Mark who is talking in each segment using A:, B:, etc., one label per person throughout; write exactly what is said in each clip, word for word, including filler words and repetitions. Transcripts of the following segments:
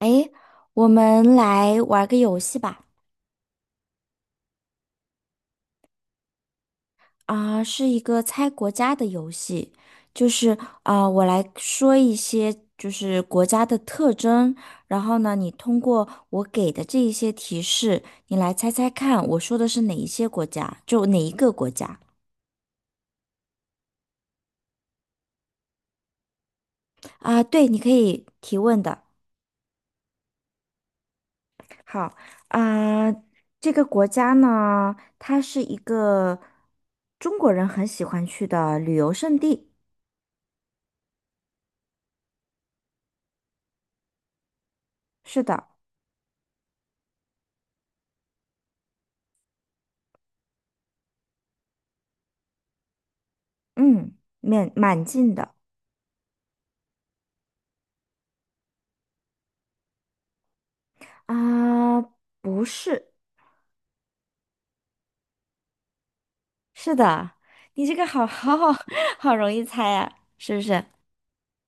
A: 诶，我们来玩个游戏吧。啊、是一个猜国家的游戏，就是啊、我来说一些就是国家的特征，然后呢，你通过我给的这一些提示，你来猜猜看，我说的是哪一些国家，就哪一个国家。啊、对，你可以提问的。好，啊、这个国家呢，它是一个中国人很喜欢去的旅游胜地。是的。嗯，面蛮近的。啊，不是。是的，你这个好好好 好容易猜呀、是不是？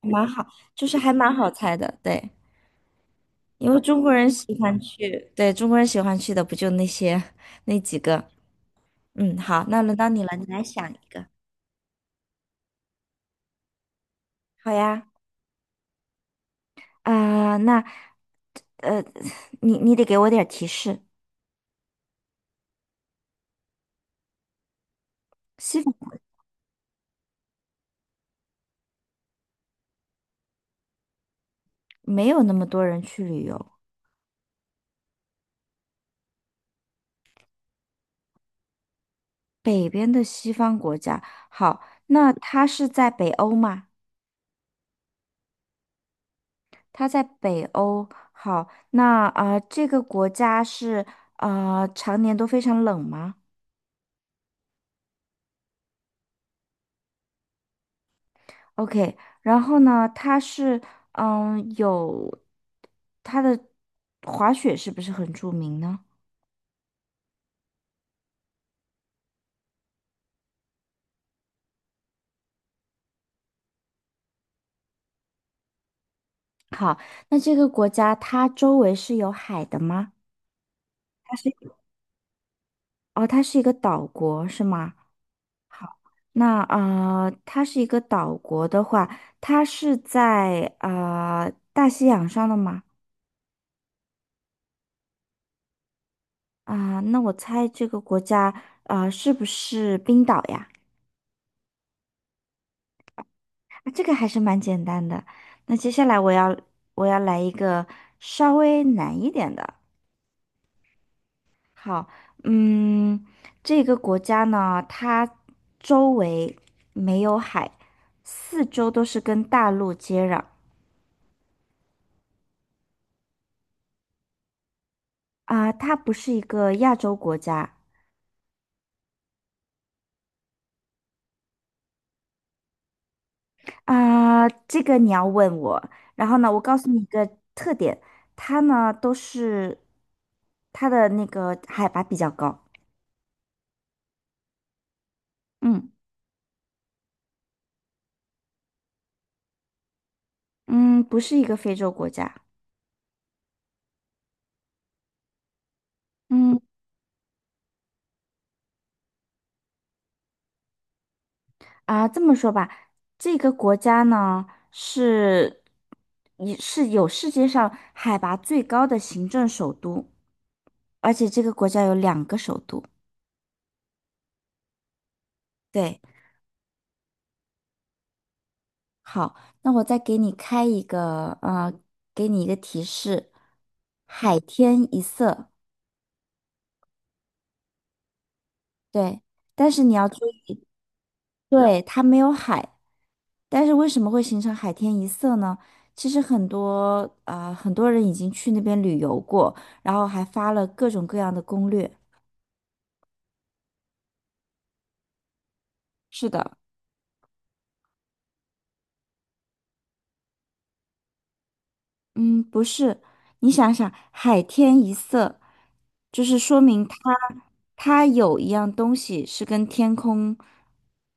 A: 蛮好，就是还蛮好猜的，对，因为中国人喜欢去，对，中国人喜欢去的不就那些那几个？嗯，好，那轮到你了，你来想一个。好呀，啊、那呃，你你得给我点儿提示，西方没有那么多人去旅游，北边的西方国家，好，那它是在北欧吗？它在北欧。好，那啊、呃这个国家是啊呃常年都非常冷吗？OK,然后呢，它是嗯有它的滑雪是不是很著名呢？好，那这个国家它周围是有海的吗？它是。哦，它是一个岛国是吗？好，那啊，它是一个岛国的话，它是在呃大西洋上的吗？啊，那我猜这个国家，啊，是不是冰岛呀？啊，这个还是蛮简单的。那接下来我要，我要来一个稍微难一点的。好，嗯，这个国家呢，它周围没有海，四周都是跟大陆接壤。啊，它不是一个亚洲国家。啊，这个你要问我。然后呢，我告诉你一个特点，它呢都是它的那个海拔比较高。嗯。嗯，不是一个非洲国家。嗯。啊，这么说吧，这个国家呢是也是有世界上海拔最高的行政首都，而且这个国家有两个首都。对，好，那我再给你开一个，呃，给你一个提示，海天一色。对，但是你要注意，对，它没有海，但是为什么会形成海天一色呢？其实很多，啊、呃很多人已经去那边旅游过，然后还发了各种各样的攻略。是的。嗯，不是，你想想，海天一色，就是说明它，它有一样东西是跟天空，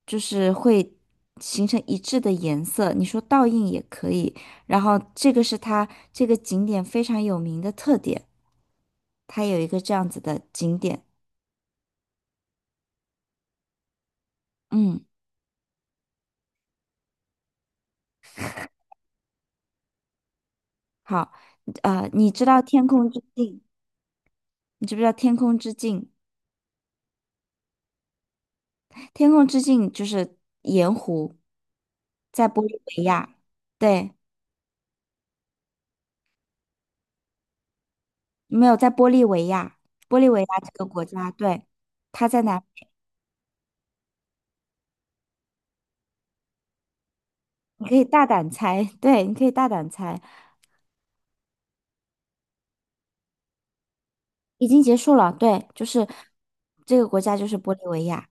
A: 就是会形成一致的颜色。你说倒映也可以，然后这个是它这个景点非常有名的特点，它有一个这样子的景点。嗯，好，呃，你知道天空之镜，你知不知道天空之镜？天空之镜就是盐湖，在玻利维亚，对，没有在玻利维亚，玻利维亚这个国家，对，它在哪？你可以大胆猜，对，你可以大胆猜，已经结束了，对，就是这个国家就是玻利维亚。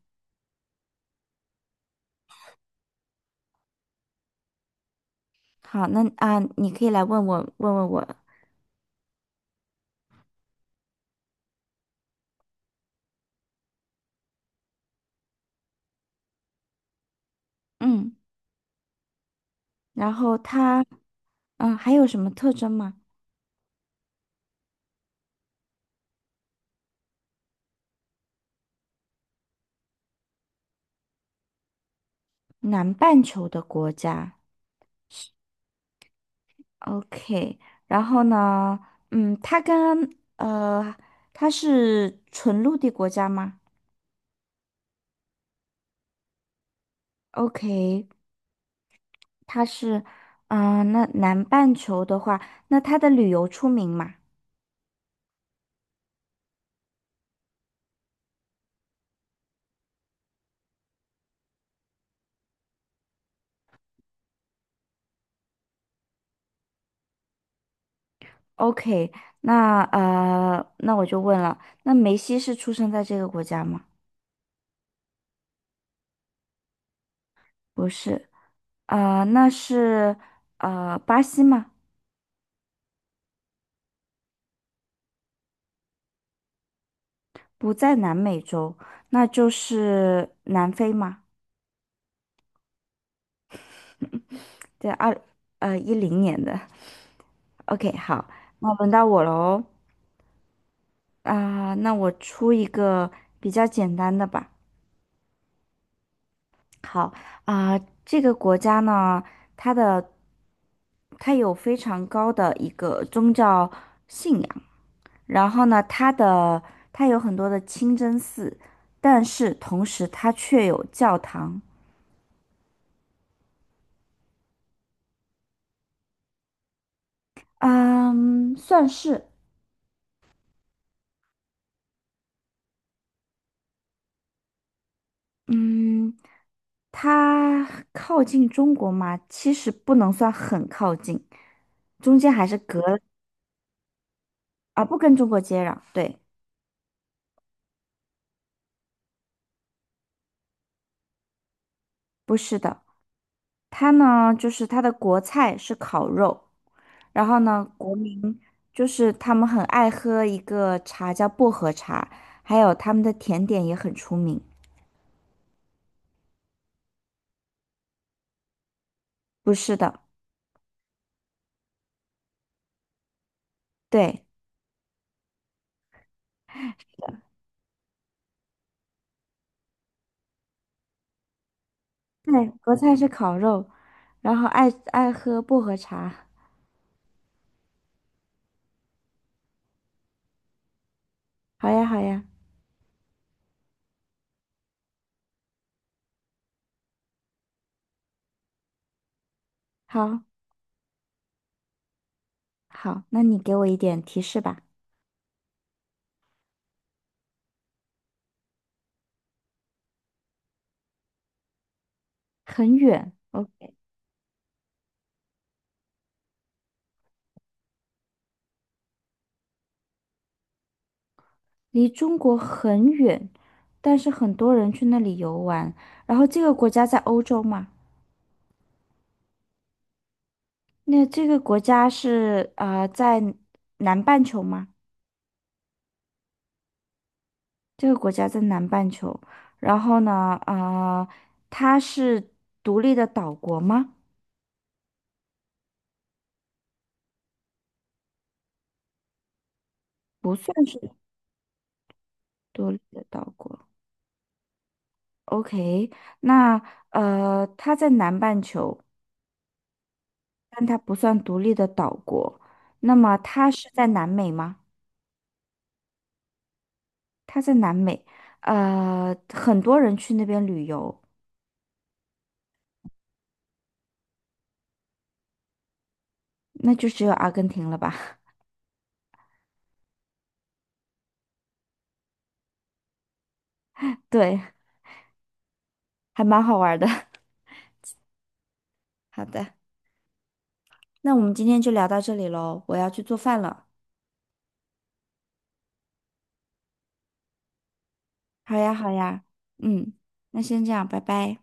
A: 好，那啊，你可以来问我，问问我，嗯，然后它，嗯，还有什么特征吗？南半球的国家。OK,然后呢，嗯，它跟呃，它是纯陆地国家吗？OK,它是，嗯、那南半球的话，那它的旅游出名嘛？OK,那呃，那我就问了，那梅西是出生在这个国家吗？不是，呃，那是呃巴西吗？不在南美洲，那就是南非吗？在二呃一零年的。OK,好，那轮到我喽。啊、那我出一个比较简单的吧。好，啊、这个国家呢，它的它有非常高的一个宗教信仰，然后呢，它的它有很多的清真寺，但是同时它却有教堂。嗯，算是，嗯，它靠近中国嘛，其实不能算很靠近，中间还是隔了。啊，不跟中国接壤，对，不是的，它呢就是它的国菜是烤肉，然后呢国民就是他们很爱喝一个茶叫薄荷茶，还有他们的甜点也很出名，不是的，对对，国菜是烤肉，然后爱爱喝薄荷茶，好呀好呀，好，好，那你给我一点提示吧，很远，哦，离中国很远，但是很多人去那里游玩，然后这个国家在欧洲嘛。那这个国家是呃在南半球吗？这个国家在南半球，然后呢，呃，它是独立的岛国吗？不算是独立的岛国。OK,那呃，它在南半球，但它不算独立的岛国。那么它是在南美吗？它在南美，呃，很多人去那边旅游，那就只有阿根廷了吧？对，还蛮好玩的。好的。那我们今天就聊到这里喽，我要去做饭了。好呀，好呀，嗯，那先这样，拜拜。